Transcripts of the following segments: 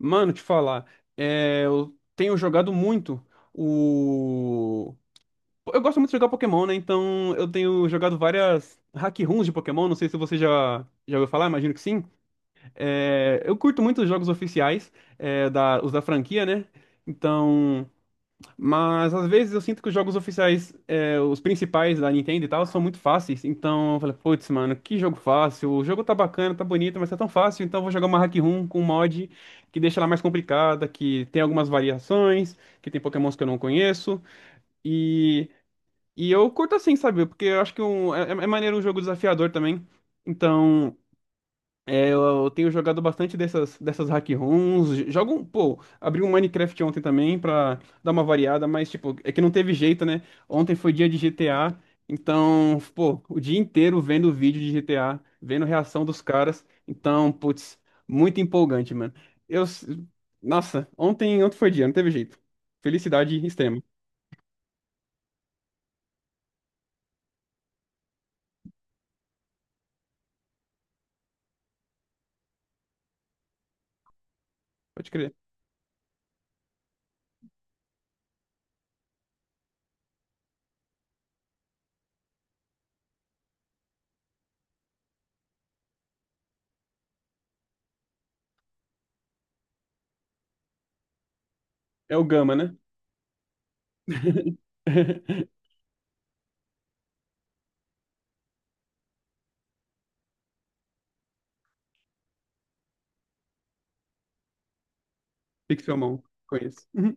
Mano, te falar, eu tenho jogado muito o. Eu gosto muito de jogar Pokémon, né? Então eu tenho jogado várias hack runs de Pokémon. Não sei se você já ouviu falar, imagino que sim. É, eu curto muito os jogos oficiais, os da franquia, né? Então. Mas às vezes eu sinto que os jogos oficiais, os principais da Nintendo e tal, são muito fáceis. Então eu falei, putz, mano, que jogo fácil. O jogo tá bacana, tá bonito, mas tá tão fácil. Então eu vou jogar uma hack room com um mod que deixa ela mais complicada, que tem algumas variações, que tem Pokémons que eu não conheço. E, e eu curto assim, sabe? Porque eu acho que é maneiro um jogo desafiador também. Então. Eu tenho jogado bastante dessas hack ROMs. Jogo, pô, abri um Minecraft ontem também pra dar uma variada, mas, tipo, é que não teve jeito, né? Ontem foi dia de GTA, então, pô, o dia inteiro vendo vídeo de GTA, vendo reação dos caras. Então, putz, muito empolgante, mano. Eu, s- nossa, ontem foi dia, não teve jeito. Felicidade extrema, pode crer. É o Gama, né? Pixelmon, conheço. Uhum,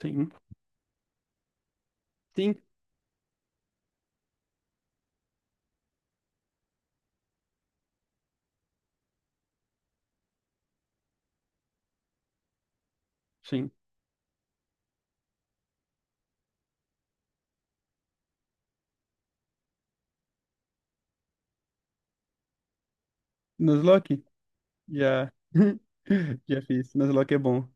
sim, sim, sim. Nuzlocke? Já. Já fiz, mas logo é bom.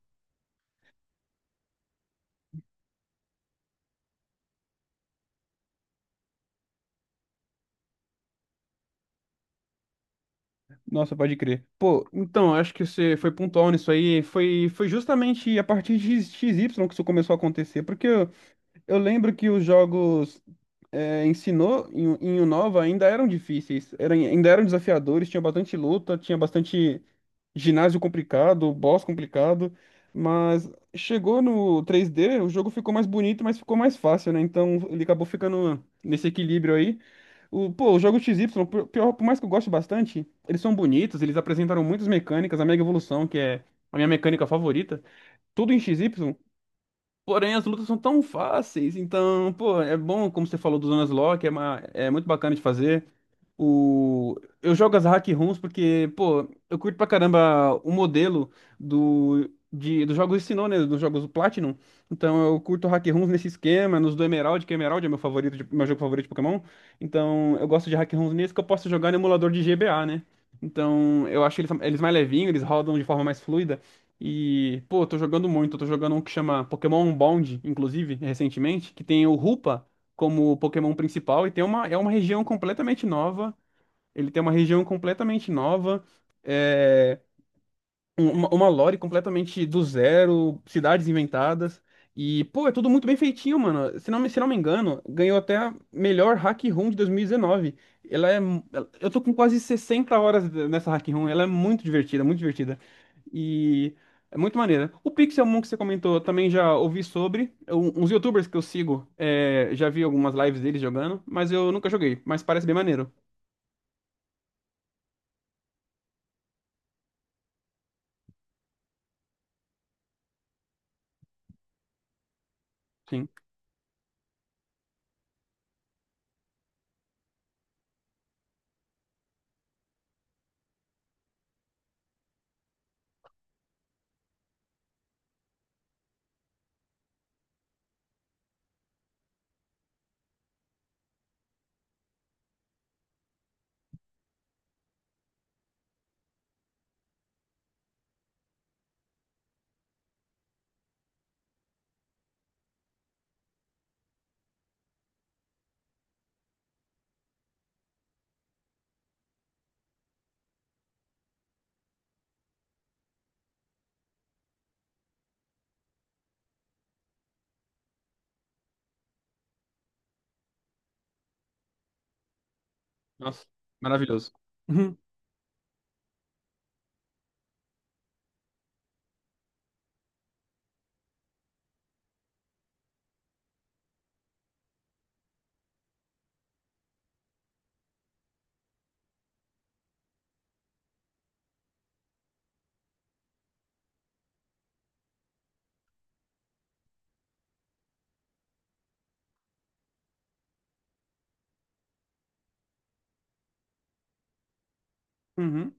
Nossa, pode crer. Pô, então, acho que você foi pontual nisso aí. Foi justamente a partir de x y que isso começou a acontecer. Eu lembro que os jogos em Unova ainda eram difíceis, ainda eram desafiadores, tinha bastante luta, tinha bastante. Ginásio complicado, boss complicado, mas chegou no 3D, o jogo ficou mais bonito, mas ficou mais fácil, né? Então ele acabou ficando nesse equilíbrio aí. O jogo XY, por mais que eu goste bastante, eles são bonitos, eles apresentaram muitas mecânicas, a Mega Evolução, que é a minha mecânica favorita, tudo em XY, porém, as lutas são tão fáceis, então, pô, é bom, como você falou do Zonas Lock, é muito bacana de fazer. O... Eu jogo as hack ROMs porque, pô, eu curto pra caramba o modelo dos jogos Sinnoh, né? Dos jogos Platinum. Então eu curto hack ROMs nesse esquema, nos do Emerald, que Emerald é meu favorito, meu jogo favorito de Pokémon. Então eu gosto de hack ROMs nesse que eu posso jogar no emulador de GBA, né? Então eu acho eles mais levinhos, eles rodam de forma mais fluida. E, pô, eu tô jogando muito. Eu tô jogando um que chama Pokémon Bond, inclusive, recentemente, que tem o Rupa como Pokémon principal e tem é uma região completamente nova. Ele tem uma região completamente nova. é, uma lore completamente do zero, cidades inventadas. E, pô, é tudo muito bem feitinho, mano. Se não me engano, ganhou até a melhor Hack Room de 2019. Ela é. Mu- ela- Eu tô com quase 60 horas nessa Hack Room. Ela é muito divertida, muito divertida. E é muito maneira. O Pixelmon que você comentou, eu também já ouvi sobre. Uns YouTubers que eu sigo, já vi algumas lives deles jogando, mas eu nunca joguei. Mas parece bem maneiro. Sim. Nossa, maravilhoso. Uhum. Uhum.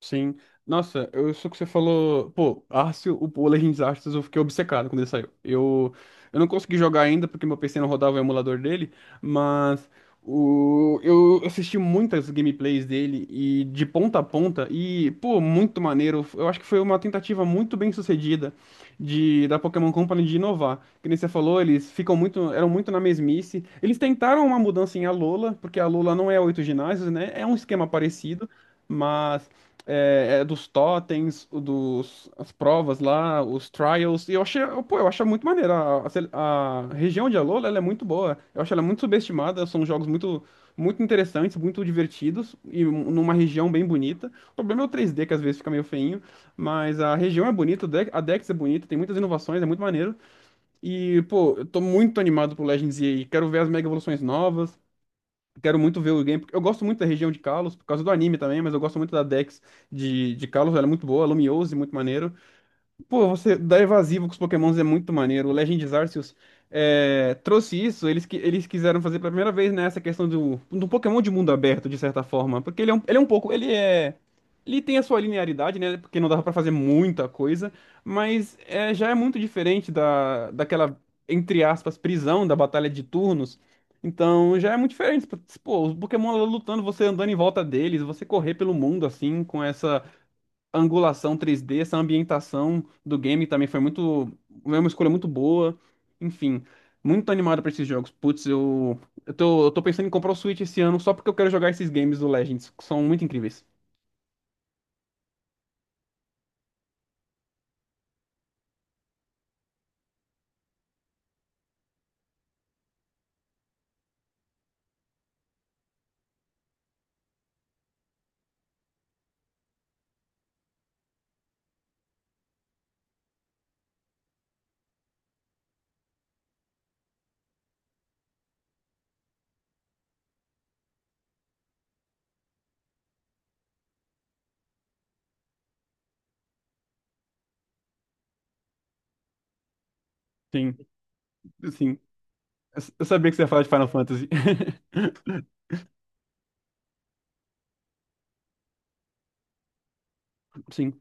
Sim. Nossa, eu só que você falou. Pô, Arceus, o Legends Arceus, eu fiquei obcecado quando ele saiu. Eu não consegui jogar ainda porque meu PC não rodava o emulador dele, mas o, eu assisti muitas gameplays dele e de ponta a ponta, e, pô, muito maneiro. Eu acho que foi uma tentativa muito bem sucedida de da Pokémon Company de inovar. Que nem você falou, eles ficam eram muito na mesmice. Eles tentaram uma mudança em Alola, porque a Alola não é 8 ginásios, né? É um esquema parecido. Mas é dos totens, as provas lá, os trials. E eu achei, pô, eu acho muito maneiro. A região de Alola, ela é muito boa. Eu acho ela muito subestimada. São jogos muito interessantes, muito divertidos e numa região bem bonita. O problema é o 3D, que às vezes fica meio feinho, mas a região é bonita, a Dex é bonita, tem muitas inovações, é muito maneiro. E, pô, eu tô muito animado pro Legends EA. Quero ver as mega evoluções novas. Quero muito ver o game. Porque eu gosto muito da região de Kalos, por causa do anime também, mas eu gosto muito da Dex de Kalos, ela é muito boa, a Lumiose, muito maneiro. Pô, você dar evasivo com os Pokémons é muito maneiro. O Legends Arceus trouxe isso, eles quiseram fazer pela primeira vez, né, essa questão do Pokémon de mundo aberto, de certa forma. Porque ele é ele é um pouco. Ele é. Ele tem a sua linearidade, né? Porque não dava pra fazer muita coisa, mas já é muito diferente daquela, entre aspas, prisão da batalha de turnos. Então já é muito diferente. Pô, os Pokémon lá lutando, você andando em volta deles, você correr pelo mundo assim, com essa a angulação 3D, essa ambientação do game também foi muito, foi uma escolha muito boa. Enfim, muito animado pra esses jogos. Eu tô pensando em comprar o Switch esse ano só porque eu quero jogar esses games do Legends, que são muito incríveis. Sim, sim. Eu sabia que você ia falar de Final Fantasy. Sim.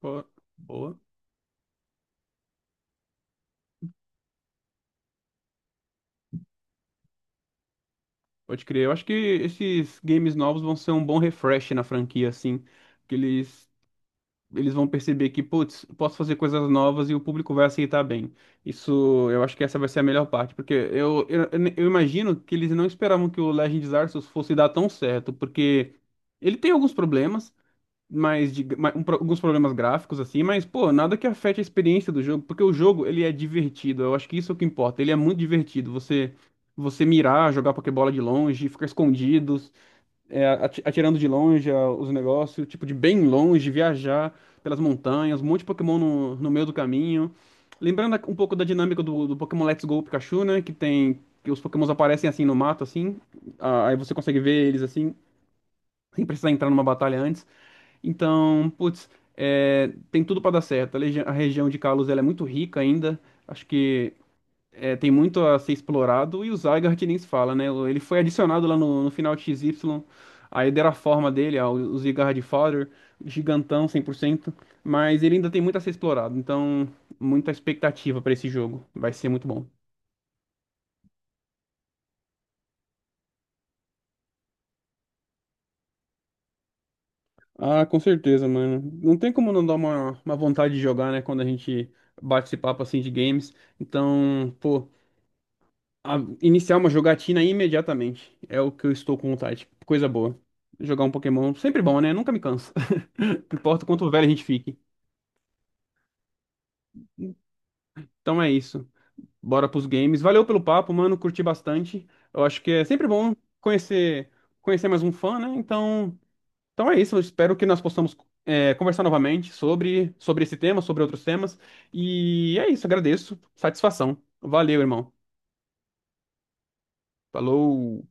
Boa. Boa. Pode crer. Eu acho que esses games novos vão ser um bom refresh na franquia, assim. Porque eles eles vão perceber que, putz, posso fazer coisas novas e o público vai aceitar bem. Isso, eu acho que essa vai ser a melhor parte, eu imagino que eles não esperavam que o Legend of Arceus fosse dar tão certo, porque ele tem alguns problemas, mas alguns problemas gráficos assim, mas pô, nada que afete a experiência do jogo, porque o jogo ele é divertido. Eu acho que isso é o que importa. Ele é muito divertido. Você mirar, jogar Pokébola de longe, ficar escondido, atirando de longe os negócios, tipo, de bem longe, viajar pelas montanhas, um monte de Pokémon no meio do caminho. Lembrando um pouco da dinâmica do Pokémon Let's Go Pikachu, né? Que tem. Que os Pokémons aparecem assim no mato, assim. Aí você consegue ver eles assim, sem precisar entrar numa batalha antes. Então, putz, tem tudo pra dar certo. A região de Kalos, ela é muito rica ainda. Acho que tem muito a ser explorado, e o Zygarde que nem se fala, né? Ele foi adicionado lá no final de X Y aí deram a forma dele, ó, o Zygarde Father, gigantão 100%, mas ele ainda tem muito a ser explorado, então muita expectativa pra esse jogo, vai ser muito bom. Ah, com certeza, mano. Não tem como não dar uma vontade de jogar, né, quando a gente bate esse papo assim de games. Então, pô, iniciar uma jogatina imediatamente. É o que eu estou com vontade. Coisa boa. Jogar um Pokémon, sempre bom, né? Nunca me cansa. Não importa o quanto velho a gente fique. Então é isso. Bora pros games. Valeu pelo papo, mano. Curti bastante. Eu acho que é sempre bom conhecer conhecer mais um fã, né? Então é isso. Eu espero que nós possamos conversar novamente sobre esse tema, sobre outros temas. E é isso. Agradeço. Satisfação. Valeu, irmão. Falou.